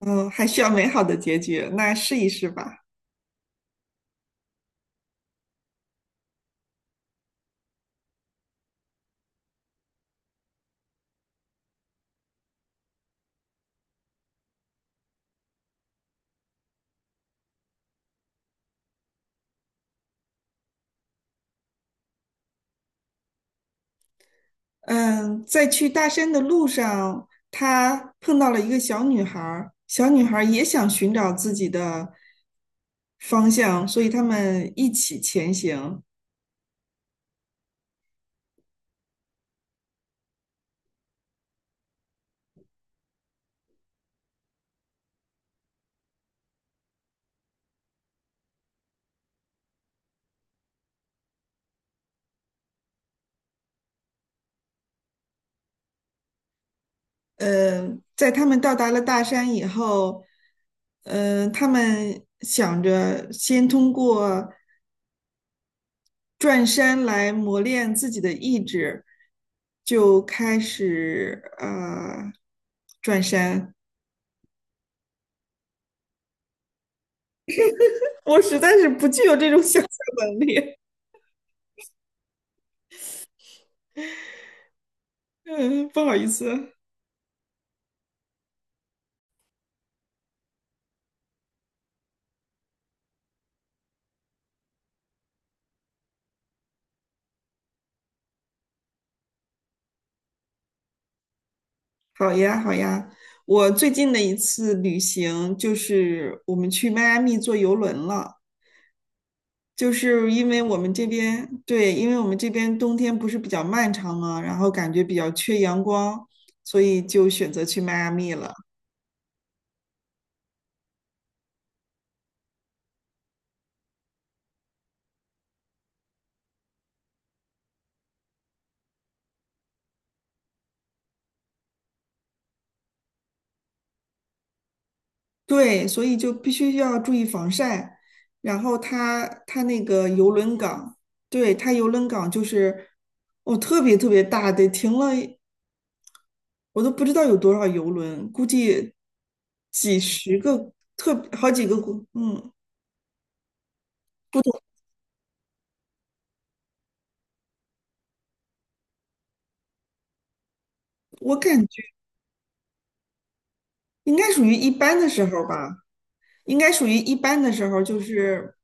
嗯，还需要美好的结局，那试一试吧。嗯，在去大山的路上，他碰到了一个小女孩儿，小女孩儿也想寻找自己的方向，所以他们一起前行。嗯，在他们到达了大山以后，嗯，他们想着先通过转山来磨练自己的意志，就开始转山。我实在是不具有这种想象能力。嗯，不好意思。好呀，好呀。我最近的一次旅行就是我们去迈阿密坐游轮了，就是因为我们这边，对，因为我们这边冬天不是比较漫长嘛，然后感觉比较缺阳光，所以就选择去迈阿密了。对，所以就必须要注意防晒。然后它那个游轮港，对，它游轮港就是哦，特别特别大，得停了我都不知道有多少游轮，估计几十个，特好几个国，嗯，我感觉应该属于一般的时候吧，应该属于一般的时候，就是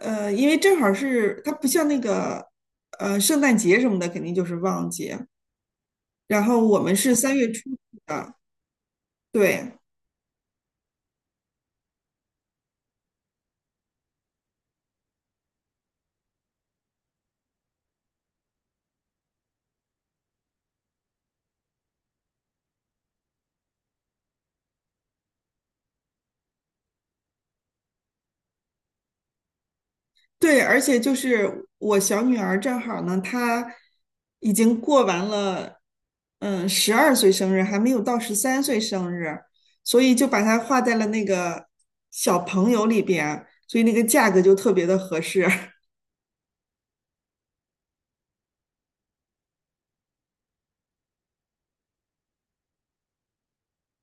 因为正好是它不像那个圣诞节什么的，肯定就是旺季，然后我们是3月初的，对。对，而且就是我小女儿正好呢，她已经过完了，嗯，12岁生日，还没有到13岁生日，所以就把它画在了那个小朋友里边，所以那个价格就特别的合适。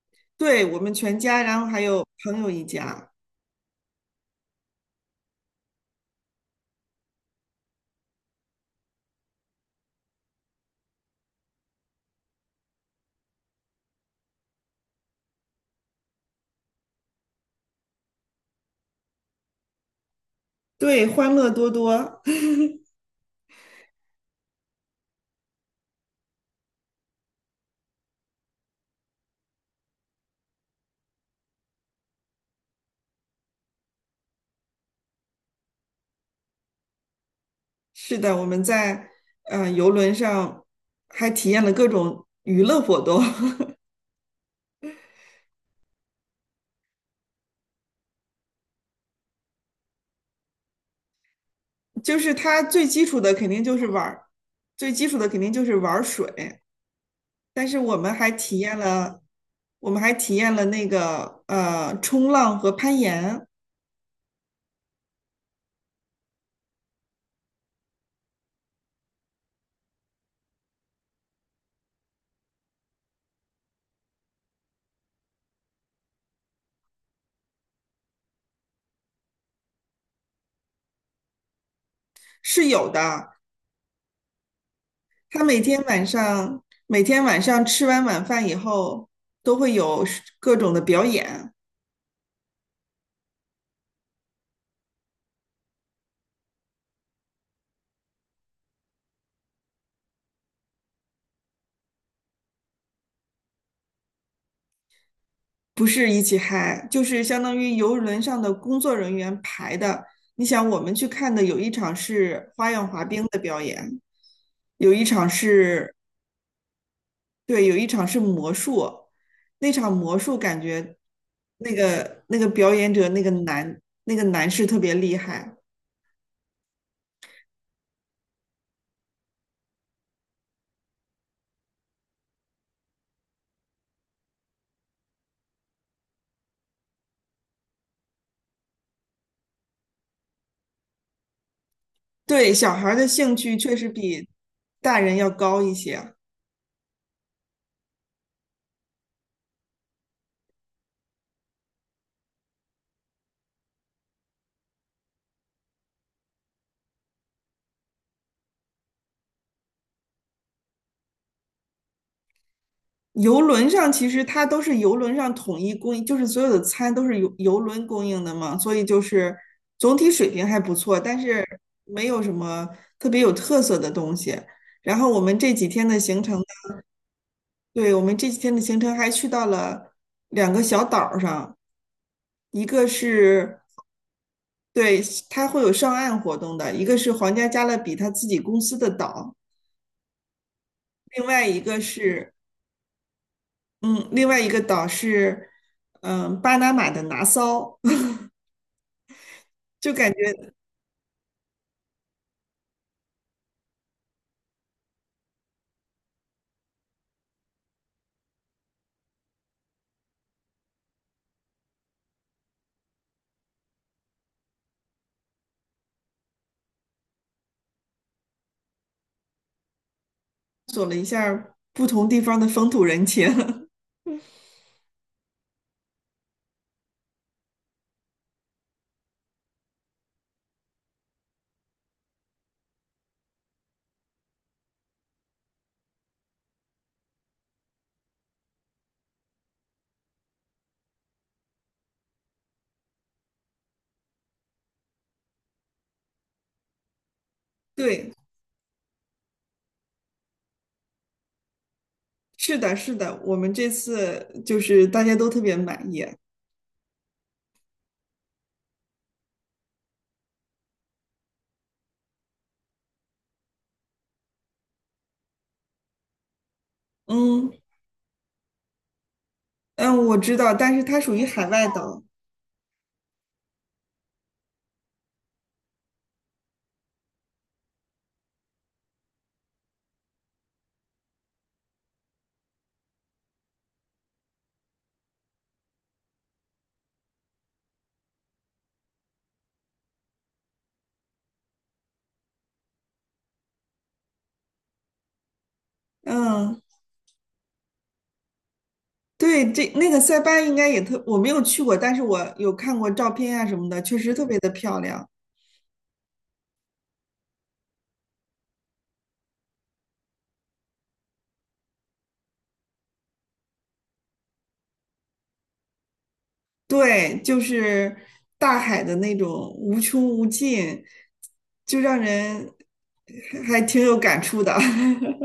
对，我们全家，然后还有朋友一家，对，欢乐多多。是的，我们在游轮上还体验了各种娱乐活动。就是它最基础的肯定就是玩儿，最基础的肯定就是玩儿水，但是我们还体验了，我们还体验了那个冲浪和攀岩是有的。他每天晚上吃完晚饭以后都会有各种的表演，不是一起嗨，就是相当于游轮上的工作人员排的。你想，我们去看的有一场是花样滑冰的表演，有一场是对，有一场是魔术，那场魔术感觉那个表演者那个男士特别厉害。对，小孩儿的兴趣确实比大人要高一些。游轮上其实它都是游轮上统一供应，就是所有的餐都是游轮供应的嘛，所以就是总体水平还不错，但是没有什么特别有特色的东西。然后我们这几天的行程，对，我们这几天的行程还去到了两个小岛儿上。一个是对它会有上岸活动的，一个是皇家加勒比他自己公司的岛，另外一个是嗯，另外一个岛是巴拿马的拿骚，就感觉不同地方的风土人情。对，是的，是的，我们这次就是大家都特别满意。嗯嗯，我知道，但是它属于海外岛。嗯，对，这那个塞班应该也特，我没有去过，但是我有看过照片啊什么的，确实特别的漂亮。对，就是大海的那种无穷无尽，就让人还挺有感触的。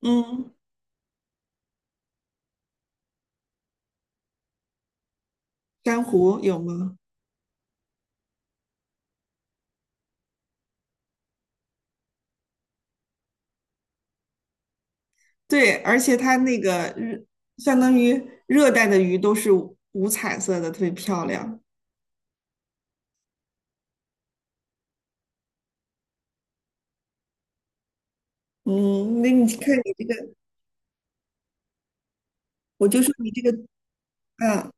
嗯，珊瑚有吗？对，而且它那个日相当于热带的鱼都是五彩色的，特别漂亮。嗯，那你看你这个，我就说你这个，嗯，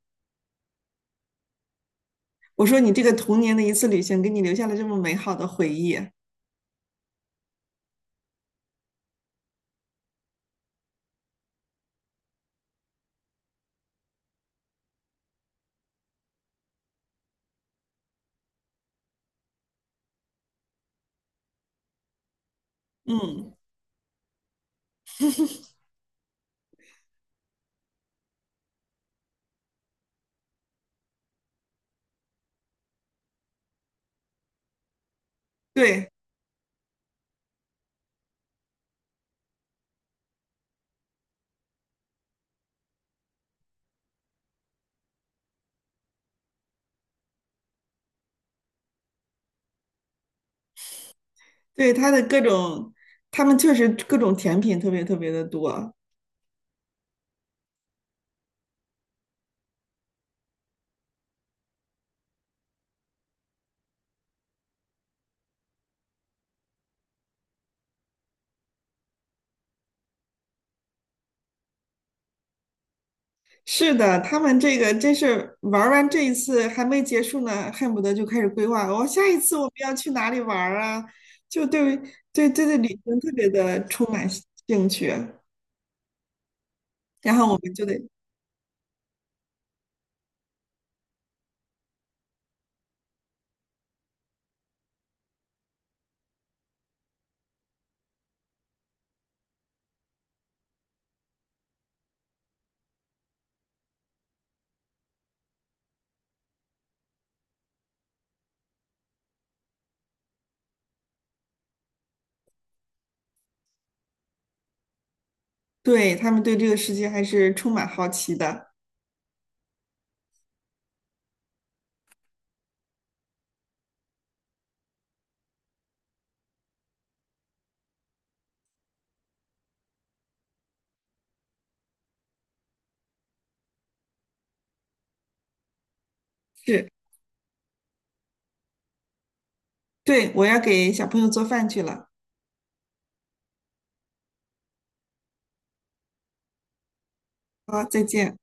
我说你这个童年的一次旅行，给你留下了这么美好的回忆。嗯，对对，它的各种，他们确实各种甜品特别特别的多。是的，他们这个真是玩儿完这一次还没结束呢，恨不得就开始规划，我、下一次我们要去哪里玩儿啊？就对，旅行特别的充满兴趣，然后我们就得对他们对这个世界还是充满好奇的。是，对，我要给小朋友做饭去了，好，再见。